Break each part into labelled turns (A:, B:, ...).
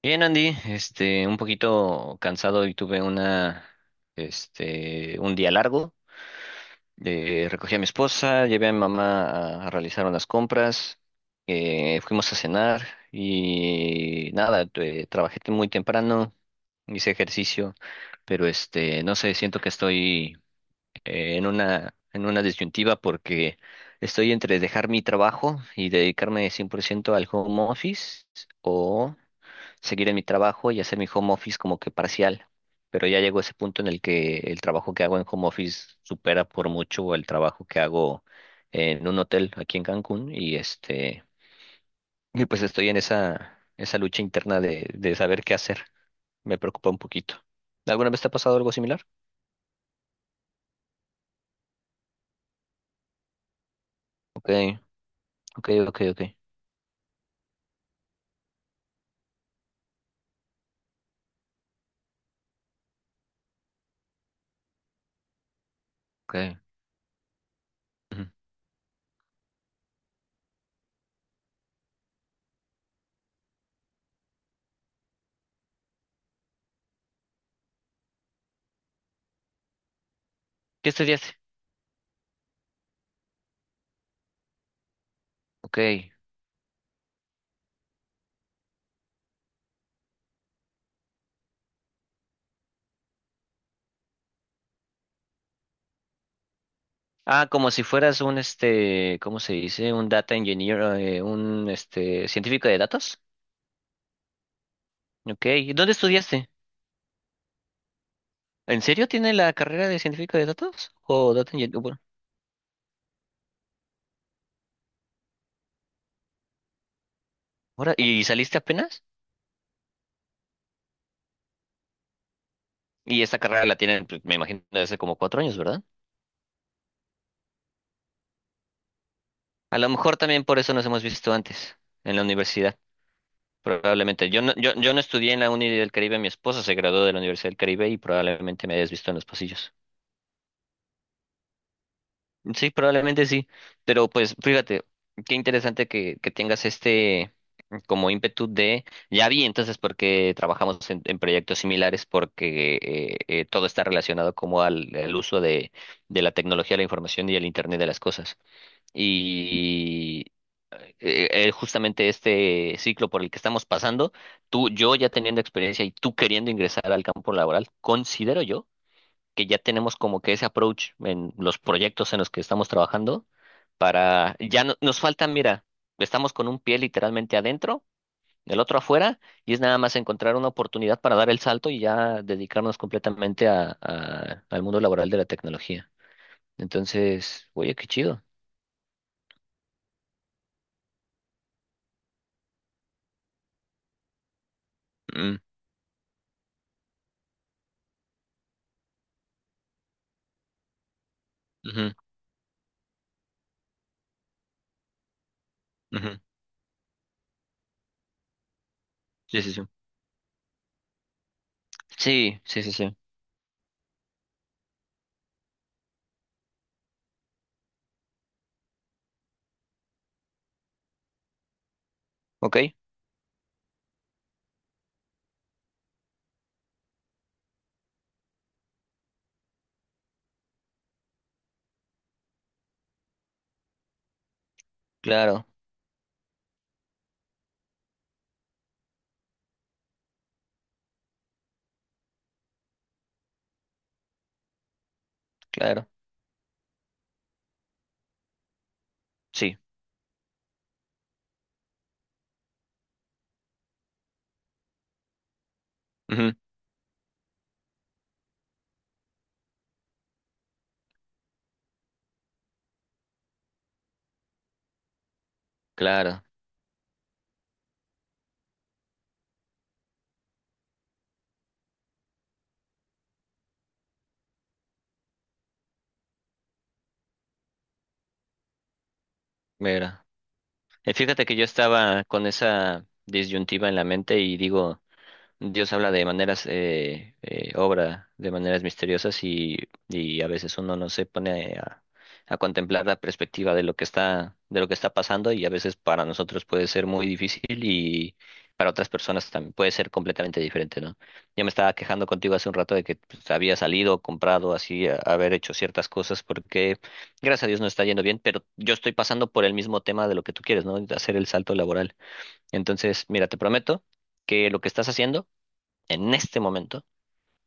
A: Bien, Andy, un poquito cansado y tuve un día largo. Recogí a mi esposa, llevé a mi mamá a realizar unas compras, fuimos a cenar y nada, trabajé muy temprano, hice ejercicio, pero no sé, siento que estoy en una disyuntiva porque estoy entre dejar mi trabajo y dedicarme 100% al home office o seguir en mi trabajo y hacer mi home office como que parcial. Pero ya llegó ese punto en el que el trabajo que hago en home office supera por mucho el trabajo que hago en un hotel aquí en Cancún y pues estoy en esa lucha interna de saber qué hacer. Me preocupa un poquito. ¿Alguna vez te ha pasado algo similar? Ok, ok, ok, ok, ok. Ujú. ¿Qué estudiaste? Ok. Ah, como si fueras ¿cómo se dice? Un data engineer, científico de datos. Ok, ¿y dónde estudiaste? ¿En serio tiene la carrera de científico de datos? ¿O data engineer? Bueno, ahora, ¿y saliste apenas? Y esta carrera la tienen, pues, me imagino, desde hace como 4 años, ¿verdad? A lo mejor también por eso nos hemos visto antes, en la universidad, probablemente. Yo no estudié en la Uni del Caribe, mi esposa se graduó de la Universidad del Caribe y probablemente me hayas visto en los pasillos. Sí, probablemente sí, pero pues fíjate, qué interesante que tengas este... como ímpetu de, ya vi entonces porque trabajamos en proyectos similares, porque todo está relacionado como al uso de la tecnología, la información y el Internet de las cosas. Y justamente este ciclo por el que estamos pasando, tú, yo ya teniendo experiencia y tú queriendo ingresar al campo laboral, considero yo que ya tenemos como que ese approach en los proyectos en los que estamos trabajando para, nos falta, mira, estamos con un pie literalmente adentro el otro afuera, y es nada más encontrar una oportunidad para dar el salto y ya dedicarnos completamente al mundo laboral de la tecnología. Entonces, oye, qué chido. Mm, ujú, ujú. Sí, sí, sí. Sí, sí, sí, sí. Ok, claro, claro. Sí, ujú, claro. Mira. Fíjate que yo estaba con esa disyuntiva en la mente y digo. Dios habla de maneras, obra de maneras misteriosas y a veces uno no se pone a contemplar la perspectiva de de lo que está pasando y a veces para nosotros puede ser muy difícil y para otras personas también puede ser completamente diferente, ¿no? Yo me estaba quejando contigo hace un rato de que pues, había salido, comprado, así, haber hecho ciertas cosas porque gracias a Dios no está yendo bien, pero yo estoy pasando por el mismo tema de lo que tú quieres, ¿no? De hacer el salto laboral. Entonces, mira, te prometo que lo que estás haciendo en este momento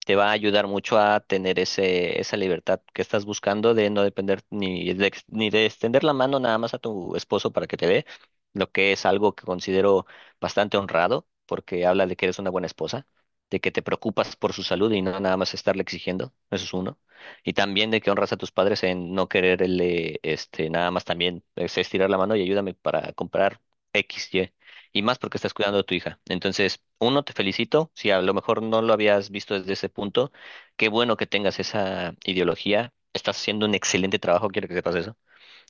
A: te va a ayudar mucho a tener esa libertad que estás buscando de no depender ni de extender la mano nada más a tu esposo para que te dé, lo que es algo que considero bastante honrado, porque habla de que eres una buena esposa, de que te preocupas por su salud y no nada más estarle exigiendo, eso es uno, y también de que honras a tus padres en no quererle, nada más también es estirar la mano y ayúdame para comprar. X, y más porque estás cuidando a tu hija. Entonces, uno, te felicito, si a lo mejor no lo habías visto desde ese punto, qué bueno que tengas esa ideología, estás haciendo un excelente trabajo, quiero que sepas eso.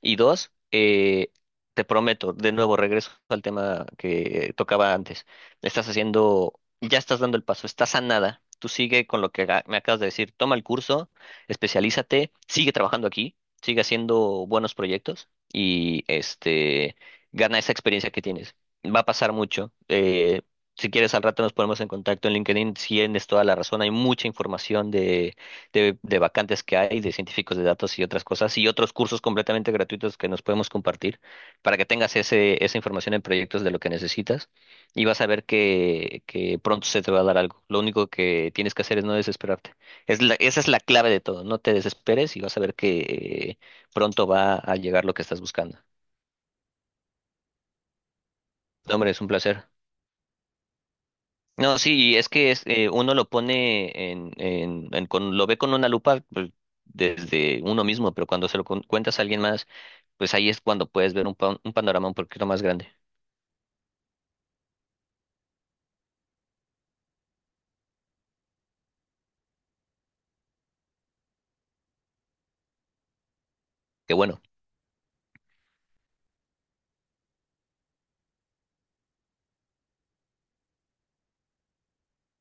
A: Y dos, te prometo, de nuevo regreso al tema que tocaba antes. Estás haciendo, ya estás dando el paso, estás a nada. Tú sigue con lo que me acabas de decir. Toma el curso, especialízate, sigue trabajando aquí, sigue haciendo buenos proyectos gana esa experiencia que tienes. Va a pasar mucho. Si quieres, al rato nos ponemos en contacto en LinkedIn. Si tienes toda la razón, hay mucha información de vacantes que hay, de científicos de datos y otras cosas, y otros cursos completamente gratuitos que nos podemos compartir para que tengas esa información en proyectos de lo que necesitas y vas a ver que pronto se te va a dar algo. Lo único que tienes que hacer es no desesperarte. Esa es la clave de todo, no te desesperes y vas a ver que eh, pronto va a llegar lo que estás buscando. No, hombre, es un placer. No, sí, y es que es, uno lo pone lo ve con una lupa pues, desde uno mismo, pero cuando se lo cuentas a alguien más, pues ahí es cuando puedes ver un panorama un poquito más grande. Qué bueno.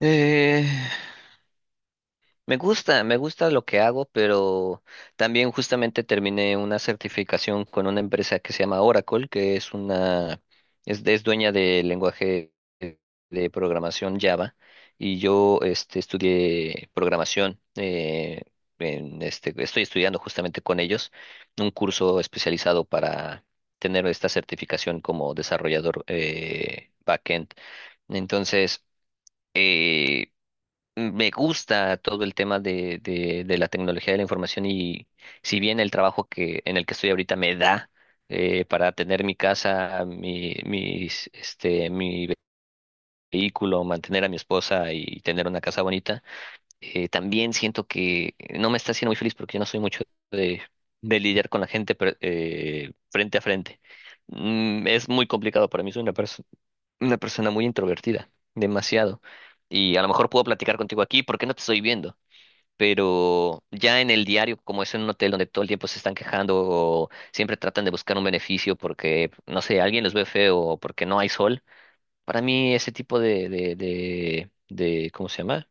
A: Eh, me gusta, me gusta lo que hago, pero también justamente terminé una certificación con una empresa que se llama Oracle, que es es dueña del lenguaje de programación Java, y yo estudié programación, estoy estudiando justamente con ellos un curso especializado para tener esta certificación como desarrollador backend. Entonces, eh, me gusta todo el tema de la tecnología de la información y si bien el trabajo que en el que estoy ahorita me da para tener mi casa, mi vehículo, mantener a mi esposa y tener una casa bonita, también siento que no me está haciendo muy feliz porque yo no soy mucho de, de lidiar con la gente pero, frente a frente. Mm, es muy complicado para mí, soy una persona muy introvertida, demasiado. Y a lo mejor puedo platicar contigo aquí porque no te estoy viendo pero ya en el diario, como es en un hotel donde todo el tiempo se están quejando o siempre tratan de buscar un beneficio porque, no sé, alguien los ve feo o porque no hay sol, para mí ese tipo ¿cómo se llama?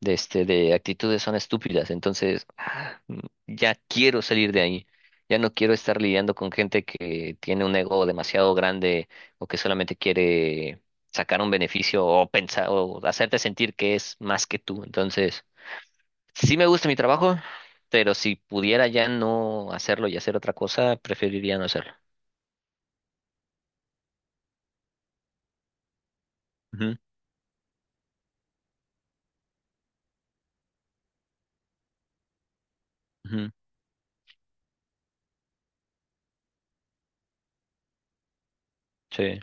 A: De actitudes son estúpidas. Entonces, ya quiero salir de ahí. Ya no quiero estar lidiando con gente que tiene un ego demasiado grande o que solamente quiere sacar un beneficio o pensar o hacerte sentir que es más que tú. Entonces, sí me gusta mi trabajo, pero si pudiera ya no hacerlo y hacer otra cosa, preferiría no hacerlo. Ujú, ujú, sí.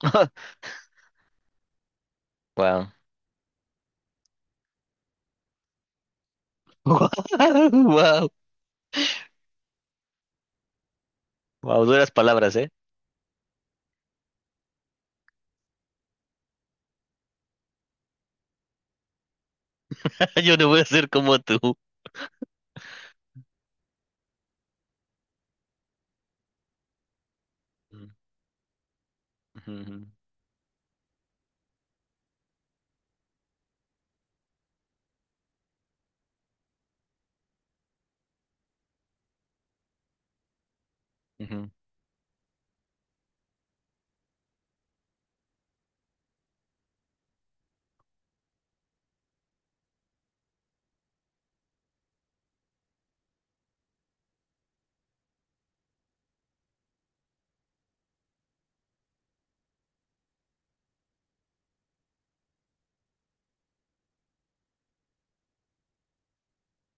A: Wow. Wow. Wow, Wow. Duras palabras, ¿eh? Yo no voy a ser como tú. Ujú, ujú, ujú,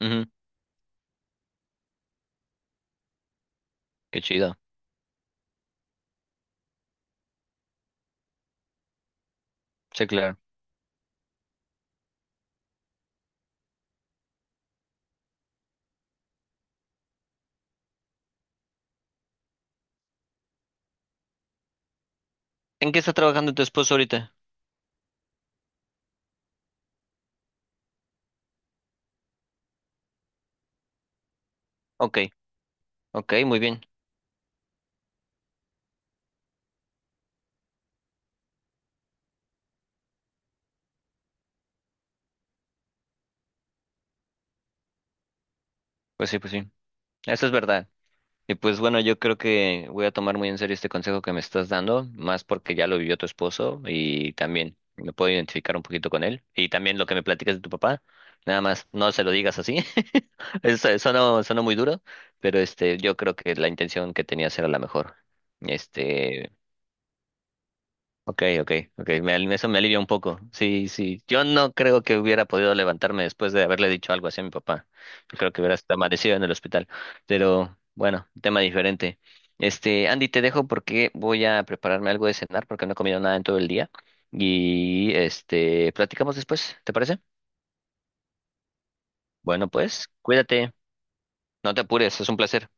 A: ujú. Qué chido. Sí, claro. ¿En qué está trabajando tu esposo ahorita? Ok, ok, muy bien. Pues sí, pues sí. Eso es verdad. Y pues bueno, yo creo que voy a tomar muy en serio este consejo que me estás dando, más porque ya lo vivió tu esposo y también me puedo identificar un poquito con él. Y también lo que me platicas de tu papá, nada más no se lo digas así. Eso sonó, sonó muy duro, pero yo creo que la intención que tenías era la mejor. este Ok, ok, ok, me eso me alivia un poco. Sí, sí, yo no creo que hubiera podido levantarme después de haberle dicho algo así a mi papá. Yo creo que hubiera hasta amanecido en el hospital. Pero bueno, tema diferente. Andy, te dejo porque voy a prepararme algo de cenar porque no he comido nada en todo el día. Platicamos después, ¿te parece? Bueno, pues, cuídate, no te apures, es un placer.